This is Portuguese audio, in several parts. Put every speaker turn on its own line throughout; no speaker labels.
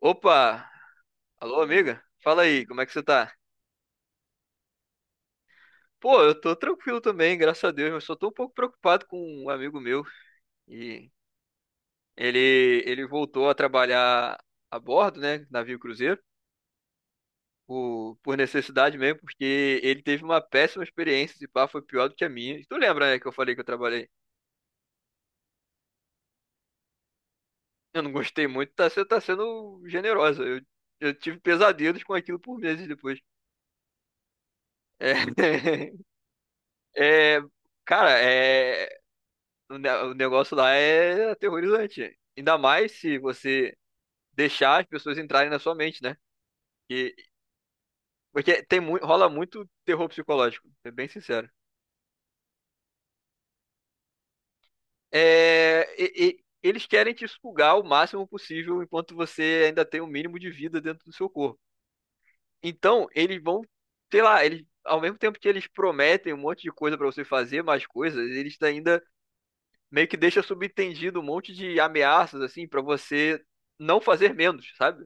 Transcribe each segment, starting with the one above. Opa! Alô, amiga? Fala aí, como é que você tá? Pô, eu tô tranquilo também, graças a Deus, mas só tô um pouco preocupado com um amigo meu. E ele voltou a trabalhar a bordo, né? Navio cruzeiro, por necessidade mesmo, porque ele teve uma péssima experiência, esse pá, foi pior do que a minha. Tu lembra, né, que eu falei que eu trabalhei? Eu não gostei muito, tá, você tá sendo generosa. Eu tive pesadelos com aquilo por meses depois. É, é, cara, é. O negócio lá é aterrorizante. Ainda mais se você deixar as pessoas entrarem na sua mente, né? E, Porque tem muito, rola muito terror psicológico, é bem sincero. É, eles querem te sugar o máximo possível enquanto você ainda tem o mínimo de vida dentro do seu corpo. Então, eles vão, sei lá, eles, ao mesmo tempo que eles prometem um monte de coisa pra você fazer, mais coisas, eles ainda meio que deixam subentendido um monte de ameaças, assim, pra você não fazer menos, sabe?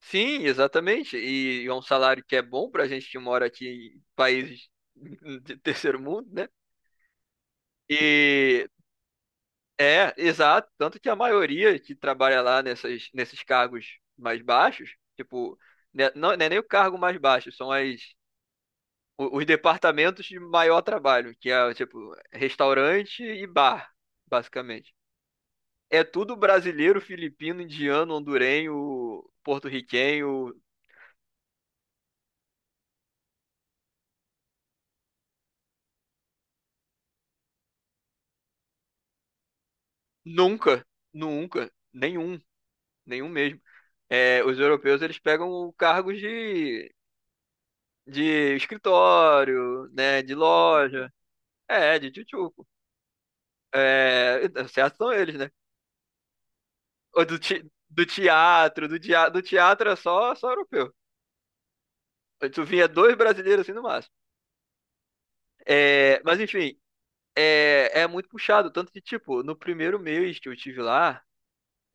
Sim, exatamente. E é um salário que é bom para a gente que mora aqui em países de terceiro mundo, né? E é, exato. Tanto que a maioria que trabalha lá nesses cargos mais baixos, tipo, né, não é nem o cargo mais baixo, os departamentos de maior trabalho, que é, tipo, restaurante e bar, basicamente. É tudo brasileiro, filipino, indiano, hondurenho, porto-riquenho. Nunca, nunca, nenhum mesmo. É, os europeus eles pegam cargos de, escritório, né, de loja, é, de tchutchuco. É, certo são eles, né? Ou do teatro, do teatro é só europeu. Tu vinha dois brasileiros assim no máximo. É, mas enfim, é muito puxado. Tanto que, tipo, no primeiro mês que eu estive lá,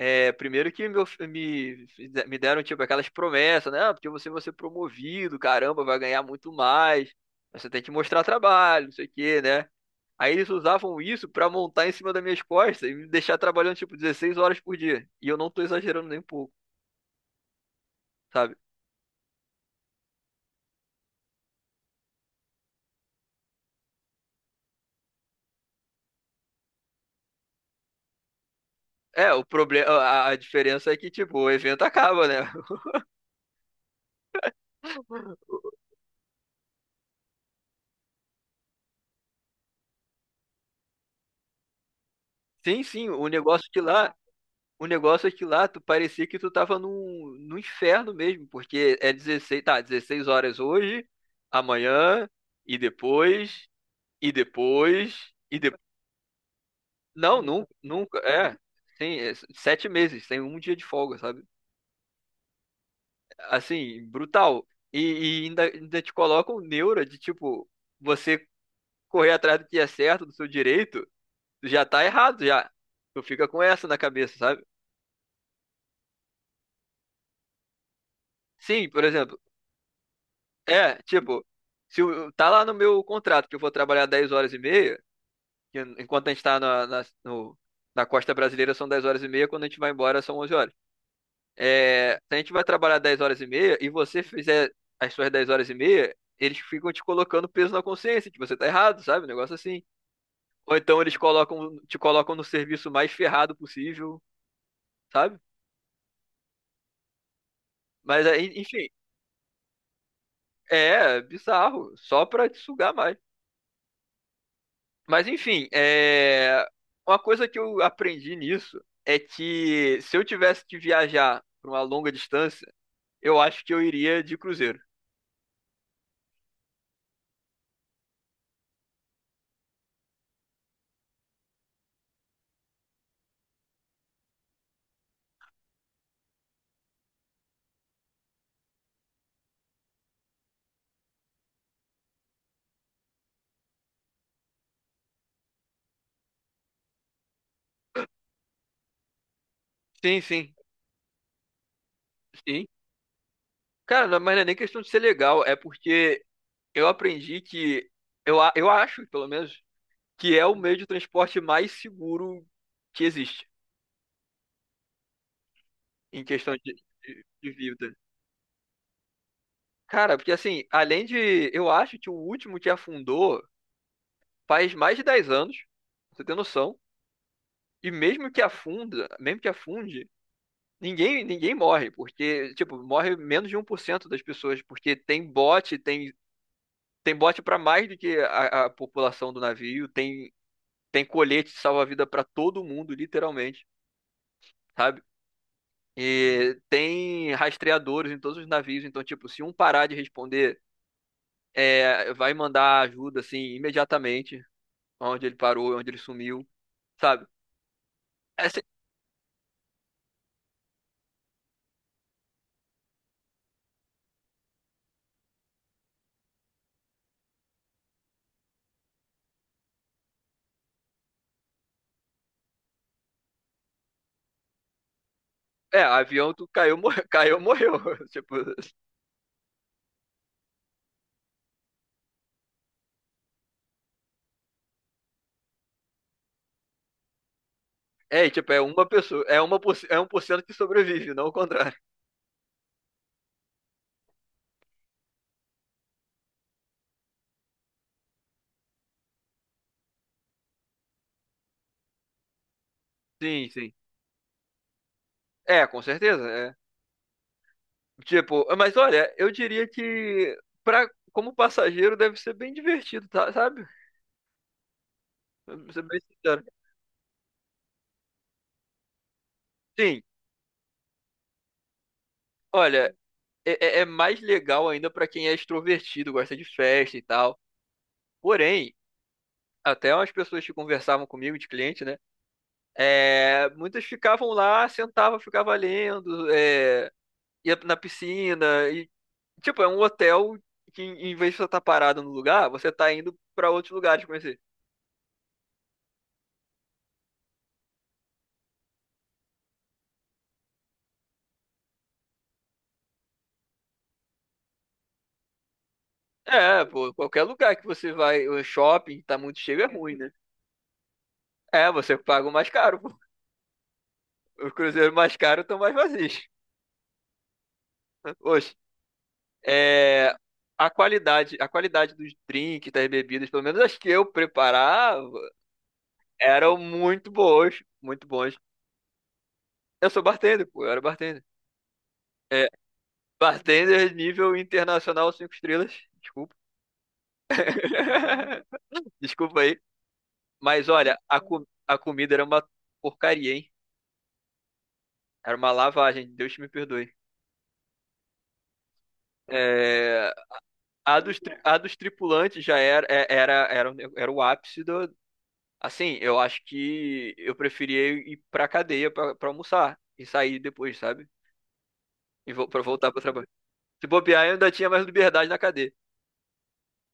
é, primeiro que me deram, tipo, aquelas promessas, né? Ah, porque você vai ser promovido, caramba, vai ganhar muito mais. Mas você tem que mostrar trabalho, não sei o quê, né? Aí eles usavam isso pra montar em cima das minhas costas e me deixar trabalhando, tipo, 16 horas por dia. E eu não tô exagerando nem um pouco, sabe? É, o problema, a diferença é que, tipo, o evento acaba, né? Sim, sim, o negócio é que lá tu parecia que tu tava num inferno mesmo, porque é 16 horas hoje, amanhã, e depois, e depois, e depois. Não, nunca, nunca, é. Sim, é 7 meses, tem um dia de folga, sabe? Assim, brutal. E ainda te colocam neura de tipo, você correr atrás do que é certo, do seu direito, tu já tá errado, já. Tu fica com essa na cabeça, sabe? Sim, por exemplo, é, tipo, se o- tá lá no meu contrato que eu vou trabalhar 10 horas e meia, que enquanto a gente tá na, na, no- na costa brasileira são 10 horas e meia, quando a gente vai embora são 11 horas. É, se a gente vai trabalhar 10 horas e meia e você fizer as suas 10 horas e meia, eles ficam te colocando peso na consciência, que você tá errado, sabe? Um negócio assim. Ou então te colocam no serviço mais ferrado possível, sabe? Mas aí, enfim, é bizarro, só pra te sugar mais. Mas enfim, uma coisa que eu aprendi nisso é que se eu tivesse que viajar para uma longa distância, eu acho que eu iria de cruzeiro. Sim, sim, sim. Cara, mas não é nem questão de ser legal, é porque eu aprendi que, eu acho, pelo menos, que é o meio de transporte mais seguro que existe em questão de, de vida. Cara, porque assim, além de. Eu acho que o último que afundou faz mais de 10 anos, pra você tem noção. E mesmo que afunde, ninguém morre, porque, tipo, morre menos de 1% das pessoas, porque tem bote, tem bote para mais do que a população do navio, tem colete de salva-vida para todo mundo, literalmente, sabe? E tem rastreadores em todos os navios, então, tipo, se um parar de responder, é, vai mandar ajuda, assim, imediatamente, onde ele parou, onde ele sumiu, sabe? É, avião, tu caiu, morreu, caiu, morreu. Tipo, é, e, tipo, é uma pessoa, é uma por, é 1% que sobrevive, não o contrário. Sim, sim. É, com certeza, é. Tipo, mas olha, eu diria que para como passageiro deve ser bem divertido, tá, sabe? Pra ser bem sincero. Sim, olha, é, é mais legal ainda para quem é extrovertido, gosta de festa e tal. Porém, até umas pessoas que conversavam comigo, de cliente, né? É, muitas ficavam lá, sentavam, ficavam lendo, é, ia na piscina, e tipo, é um hotel que em vez de você estar parado no lugar, você tá indo pra outros lugares conhecer. É, pô, qualquer lugar que você vai, o shopping tá muito cheio é ruim, né? É, você paga o mais caro, pô. Os cruzeiros mais caros estão mais vazios. Oxe, é, a qualidade, dos drinks, das bebidas, pelo menos as que eu preparava, eram muito boas, muito bons. Eu sou bartender, pô, eu era bartender. É, bartender nível internacional cinco estrelas, desculpa. Desculpa aí. Mas olha, a comida era uma porcaria, hein? Era uma lavagem, Deus me perdoe. É, a dos tripulantes já era, era o ápice do. Assim, eu acho que eu preferia ir pra cadeia pra almoçar e sair depois, sabe? Pra voltar pro trabalho. Se bobear, eu ainda tinha mais liberdade na cadeia.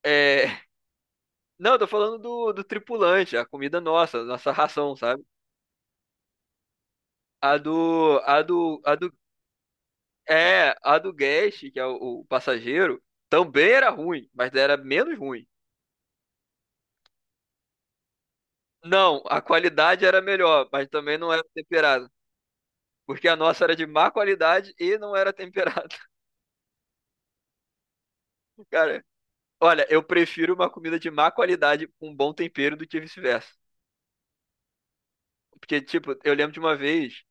É, não, eu tô falando do tripulante, a comida nossa, nossa ração, sabe? A do, a do, a do É, a do Guest, que é o passageiro, também era ruim, mas era menos ruim. Não, a qualidade era melhor, mas também não era temperada. Porque a nossa era de má qualidade e não era temperada. Cara, olha, eu prefiro uma comida de má qualidade com um bom tempero do que vice-versa. Porque, tipo, eu lembro de uma vez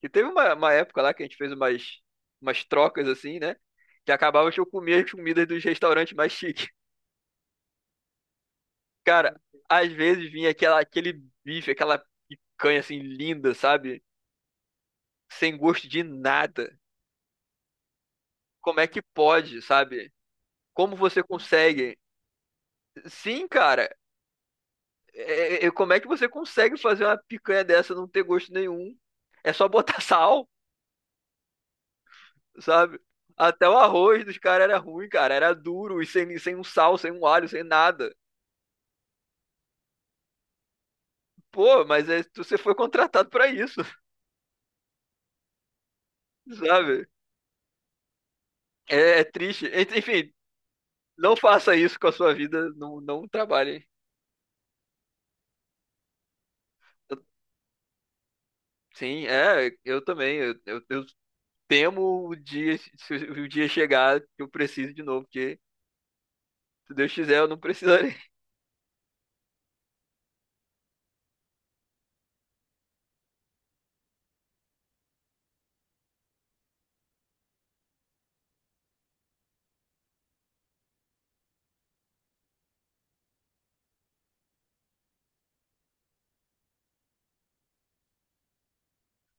que teve uma época lá que a gente fez umas trocas assim, né? Que acabava que eu comia as comidas dos restaurantes mais chiques. Cara, às vezes vinha aquele bife, aquela picanha assim linda, sabe? Sem gosto de nada. Como é que pode, sabe? Como você consegue? Sim, cara. Como é que você consegue fazer uma picanha dessa não ter gosto nenhum? É só botar sal, sabe? Até o arroz dos caras era ruim, cara. Era duro e sem um sal, sem um alho, sem nada. Pô, mas você foi contratado pra isso, sabe? É, é triste. Enfim, não faça isso com a sua vida, não, não trabalhe. Eu- Sim, é, eu também. Eu temo o dia, se o dia chegar que eu preciso de novo, porque se Deus quiser, eu não precisarei.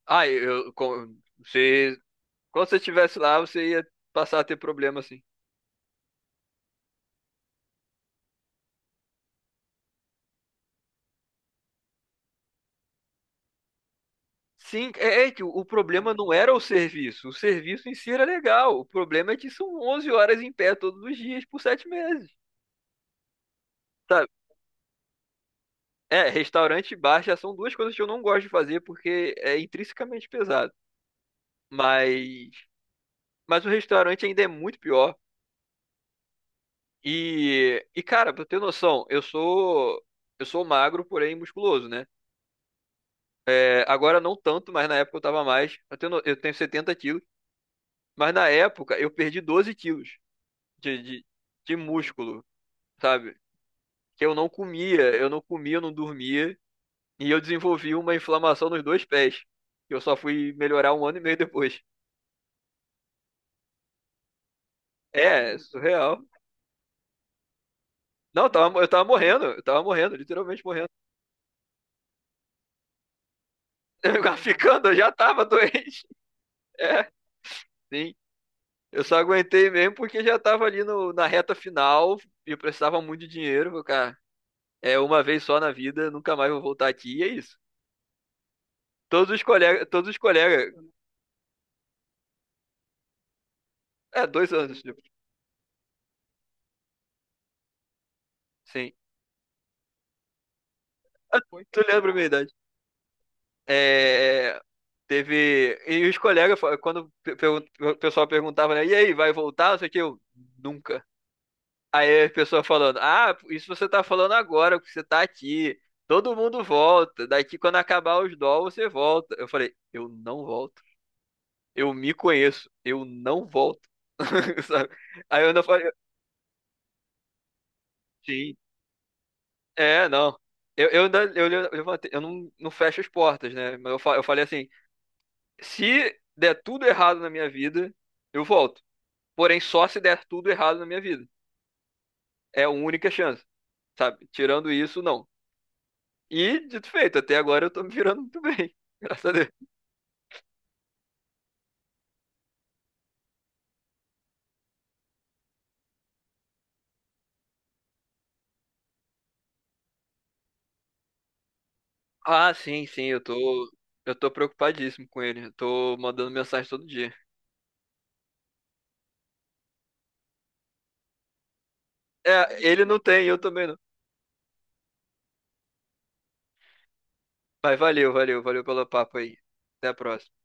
Ah, você, quando você estivesse lá, você ia passar a ter problema, assim. Sim, é, é que o problema não era o serviço. O serviço em si era legal. O problema é que são 11 horas em pé todos os dias por 7 meses. Sabe? É, restaurante e bar já são duas coisas que eu não gosto de fazer porque é intrinsecamente pesado. Mas, mas o restaurante ainda é muito pior. E cara, pra ter noção, eu sou magro, porém musculoso, né? É, agora não tanto, mas na época eu tava mais. Eu tenho, no- eu tenho 70 quilos, mas na época eu perdi 12 quilos de, de músculo, sabe? Que eu não comia, eu não dormia, e eu desenvolvi uma inflamação nos dois pés, que eu só fui melhorar um ano e meio depois. É, surreal. Não, eu tava morrendo, literalmente morrendo. Eu Ficando, eu já tava doente. É, sim. Eu só aguentei mesmo porque já tava ali no, na reta final e eu precisava muito de dinheiro, falei, cara. É uma vez só na vida, nunca mais vou voltar aqui, e é isso. Todos os colegas, é, 2 anos, tipo, sim. Ah, tu lembra a minha idade? É, teve, e os colegas, o pessoal perguntava, né, e aí, vai voltar? Não sei o que, eu, nunca. Aí a pessoa falando, ah, isso você tá falando agora, porque você tá aqui. Todo mundo volta. Daqui quando acabar os dó, você volta. Eu falei, eu não volto. Eu me conheço. Eu não volto. Sabe? Aí eu ainda falei, sim, é, não. Eu levantei, eu não fecho as portas, né? Mas eu falei assim, se der tudo errado na minha vida, eu volto. Porém, só se der tudo errado na minha vida. É a única chance, sabe? Tirando isso, não. E, dito e feito, até agora eu tô me virando muito bem. Graças a Deus. Ah, sim, sim, eu tô. Eu tô preocupadíssimo com ele. Eu tô mandando mensagem todo dia. É, ele não tem, eu também não. Mas valeu, valeu, valeu pelo papo aí. Até a próxima.